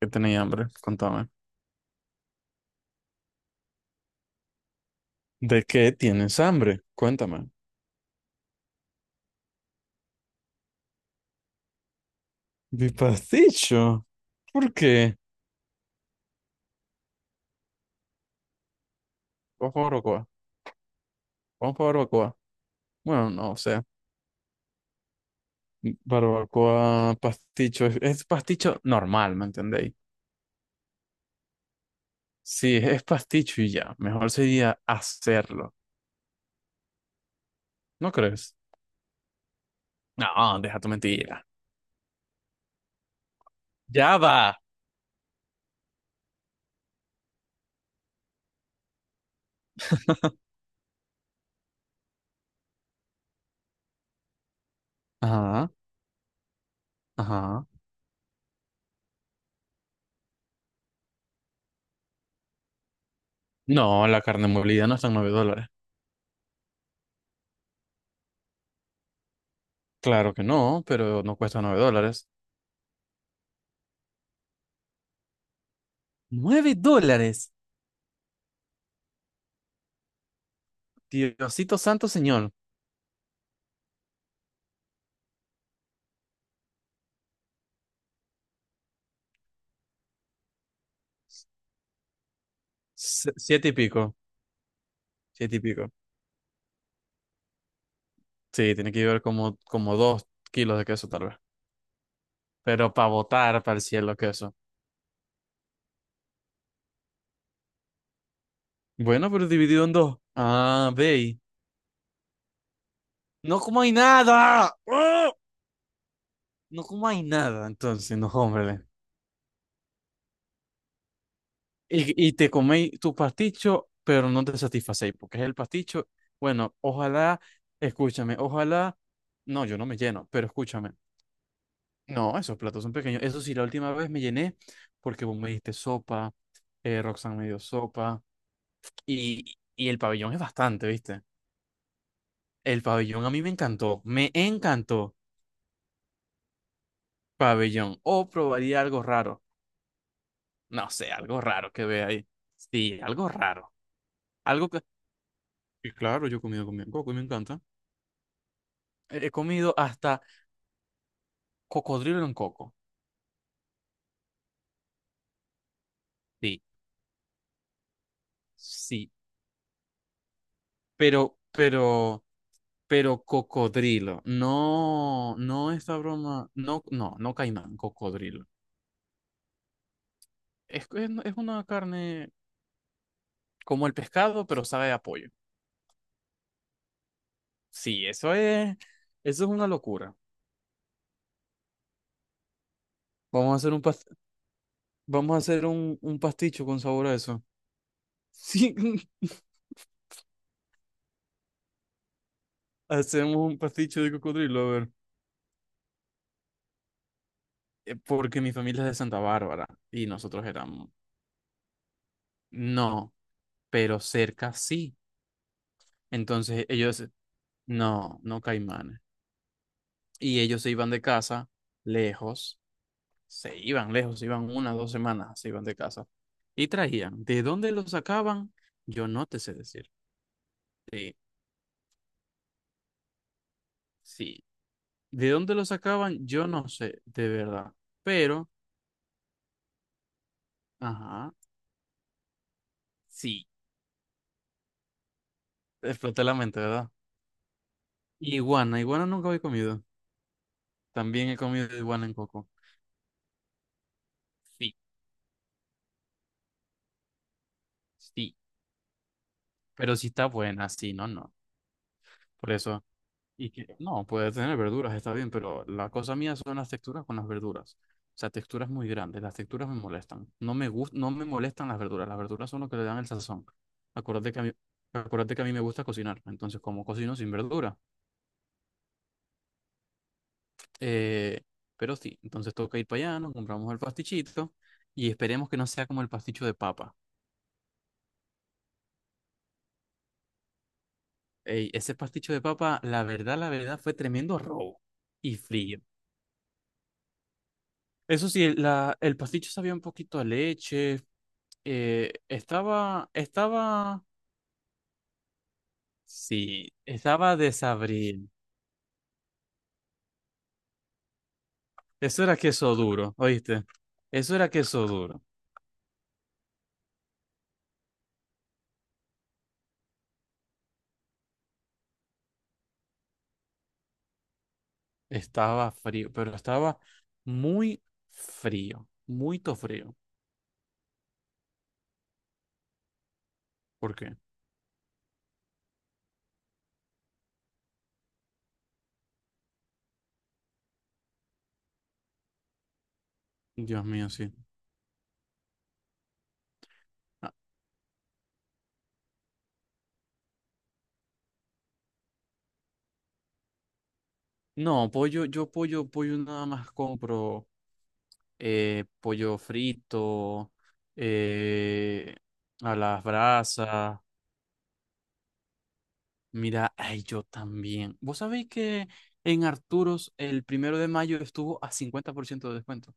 ¿Que tenéis hambre? Contame. ¿De qué tienes hambre? Cuéntame. Mi pasticho. ¿Por qué? Vamos por barbacoa. Vamos por barbacoa. Bueno, no, o sea, barbacoa, pasticho. Es pasticho normal, ¿me entendéis? Sí, es pasticho y ya. Mejor sería hacerlo. ¿No crees? No, deja tu mentira. Ya va. Ajá, ajá. No, la carne molida no está en $9. Claro que no, pero no cuesta $9. ¿Nueve dólares? Diosito santo señor. Siete y pico. Siete y pico. Sí, tiene que llevar como 2 kilos de queso, tal vez. Pero para botar para el cielo queso. Bueno, pero dividido en dos. Ah, ve, ahí. No como hay nada. ¡Ah! No como hay nada, entonces, no, hombre. Y te coméis tu pasticho, pero no te satisfacéis, porque es el pasticho. Bueno, ojalá, escúchame, ojalá. No, yo no me lleno, pero escúchame. No, esos platos son pequeños. Eso sí, la última vez me llené porque vos me diste sopa, Roxanne me dio sopa y el pabellón es bastante, ¿viste? El pabellón a mí me encantó, me encantó. Pabellón, o probaría algo raro. No sé, algo raro que vea ahí. Sí, algo raro. Algo que... Y claro, yo he comido con coco y me encanta. He comido hasta cocodrilo en coco. Sí, sí. Pero, pero... pero cocodrilo. No, no esta broma. No, no, no caimán, cocodrilo. Es una carne como el pescado, pero sabe a pollo. Sí, eso es una locura. Vamos a hacer un pas- vamos a hacer un pasticho con sabor a eso. Sí, hacemos un pasticho de cocodrilo, a ver. Porque mi familia es de Santa Bárbara y nosotros éramos. No, pero cerca sí. Entonces ellos, no, no caimanes y ellos se iban de casa lejos, lejos, se iban una, dos semanas, se iban de casa y traían. ¿De dónde lo sacaban? Yo no te sé decir. Sí, sí. ¿De dónde lo sacaban? Yo no sé, de verdad. Pero, ajá, sí, exploté la mente, ¿verdad? Iguana, iguana nunca había comido. También he comido iguana en coco. Sí, sí, pero si está buena, sí, no, no. Por eso. Y que no, puede tener verduras, está bien, pero la cosa mía son las texturas con las verduras. O sea, texturas muy grandes, las texturas me molestan. No me no me molestan las verduras son lo que le dan el sazón. Acuérdate que a mí, acuérdate que a mí me gusta cocinar, entonces como cocino sin verdura. Eh, pero sí, entonces toca ir para allá, nos compramos el pastichito y esperemos que no sea como el pasticho de papa. Ey, ese pasticho de papa, la verdad, fue tremendo robo y frío. Eso sí, el, la, el pasticho sabía un poquito a leche. Eh, estaba, estaba, sí, estaba desabrido. Eso era queso duro, ¿oíste? Eso era queso duro. Estaba frío, pero estaba muy frío, muy to frío. ¿Por qué? Dios mío, sí. Ah, no, pollo, yo pollo nada más compro pollo frito, eh, a las brasas. Mira, ay, yo también. ¿Vos sabéis que en Arturos el 1 de mayo estuvo a 50% de descuento?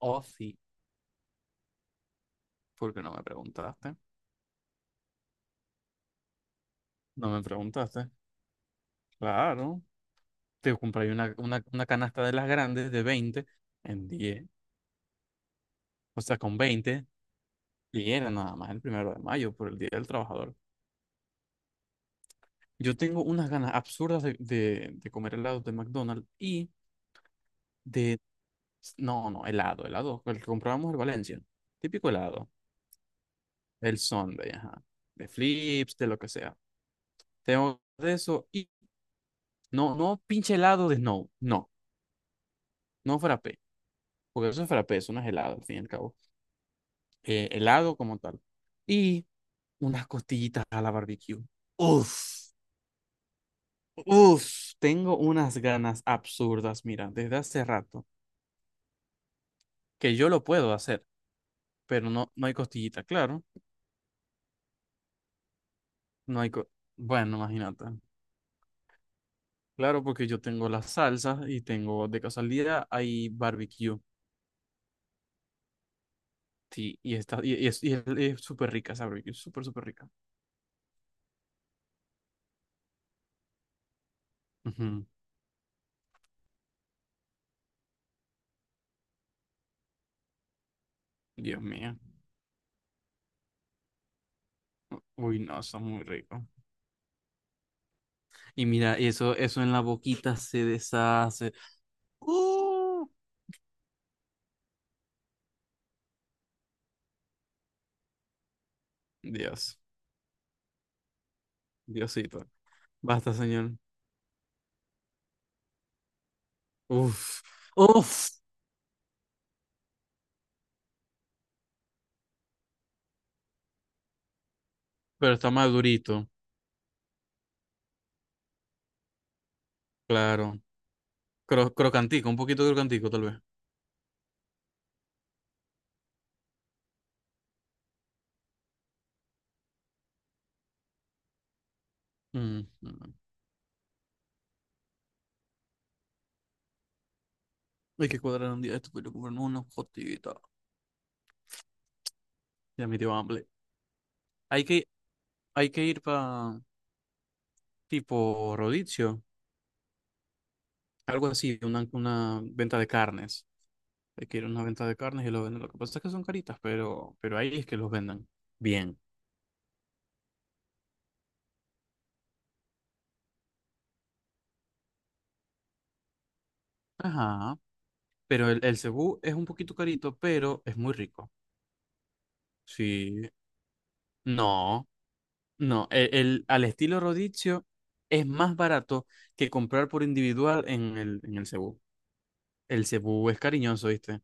Oh, sí. ¿Por qué no me preguntaste? No me preguntaste. Claro. Te compré una canasta de las grandes de 20 en 10. O sea, con 20. Y era nada más el 1 de mayo por el Día del Trabajador. Yo tengo unas ganas absurdas de, de comer helados de McDonald's y de... No, no, helado, helado. El que comprábamos en Valencia. Típico helado. El Sunday, ajá. De flips, de lo que sea. Tengo de eso y no, no pinche helado de snow. No, no frappé. Porque eso es frappé, eso no es helado, al fin y al cabo. Helado como tal. Y unas costillitas a la barbecue. Uf, uf, tengo unas ganas absurdas, mira, desde hace rato, que yo lo puedo hacer, pero no, no hay costillita, claro. No hay bueno, imagínate. Claro, porque yo tengo las salsas y tengo de casualidad hay barbecue. Sí, y, está, y es y es- y es súper rica esa barbecue, súper, súper rica. Ujú. Dios mío. Uy, no, está muy rico. Y mira, eso en la boquita se deshace. ¡Uh! Dios, Diosito. Basta, señor. Uf, uf. Pero está más durito, claro. Crocantico, un poquito crocantico, tal vez. Ujú. Hay que cuadrar un día esto, pero comprarnos una gotitas. Ya me dio hambre. Hay que, hay que ir para tipo Rodicio. Algo así, una venta de carnes. Hay que ir a una venta de carnes y lo venden. Lo que pasa es que son caritas, pero ahí es que los vendan. Bien. Ajá. Pero el cebú es un poquito carito, pero es muy rico. Sí. No, no. Al estilo rodicio es más barato que comprar por individual en el cebú. El cebú es cariñoso, ¿viste?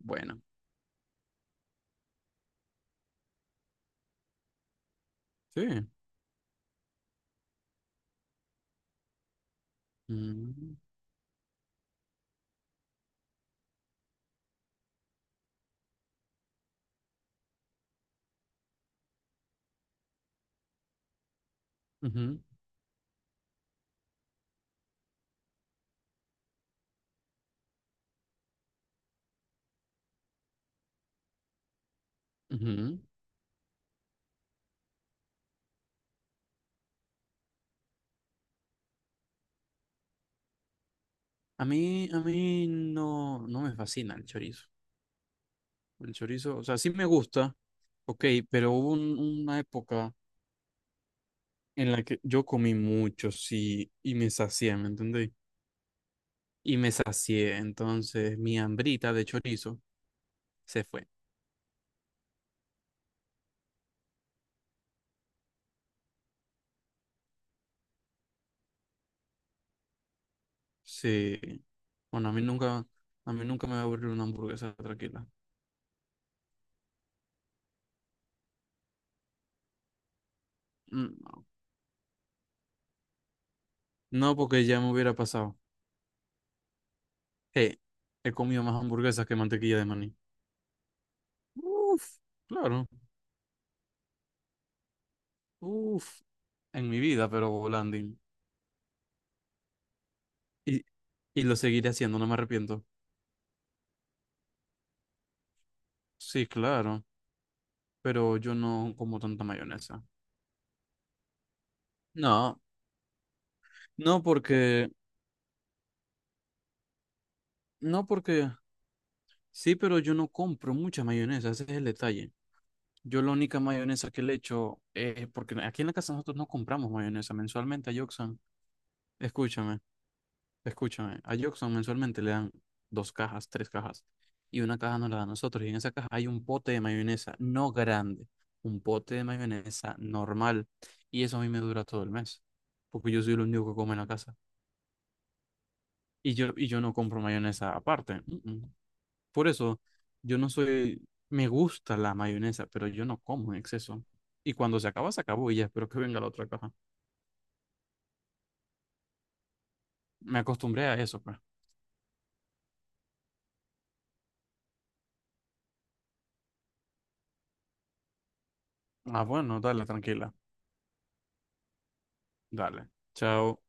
Bueno. Sí. Mm, ujú, ujú. A mí no, no me fascina el chorizo. El chorizo, o sea, sí me gusta, ok, pero hubo una época en la que yo comí mucho, sí, y me sacié, ¿me entendéis? Y me sacié, entonces mi hambrita de chorizo se fue. Sí. Bueno, a mí nunca me va a aburrir una hamburguesa tranquila. Mm, no, no, porque ya me hubiera pasado. Eh, he comido más hamburguesas que mantequilla de maní. Uf, claro, uf, en mi vida, pero volandín. Y, y lo seguiré haciendo, no me arrepiento. Sí, claro, pero yo no como tanta mayonesa. No, no porque, no porque, sí, pero yo no compro mucha mayonesa, ese es el detalle. Yo la única mayonesa que le echo es porque aquí en la casa nosotros no compramos mayonesa mensualmente a Yoxan. Escúchame, escúchame, a Yoxan mensualmente le dan 2 cajas, 3 cajas y una caja nos la dan a nosotros y en esa caja hay un pote de mayonesa, no grande, un pote de mayonesa normal y eso a mí me dura todo el mes porque yo soy el único que come en la casa. Y yo no compro mayonesa aparte. Mm, mm. Por eso, yo no soy, me gusta la mayonesa, pero yo no como en exceso. Y cuando se acaba, se acabó y ya espero que venga la otra caja. Me acostumbré a eso, pues. Ah, bueno, dale, tranquila. Dale. Chao.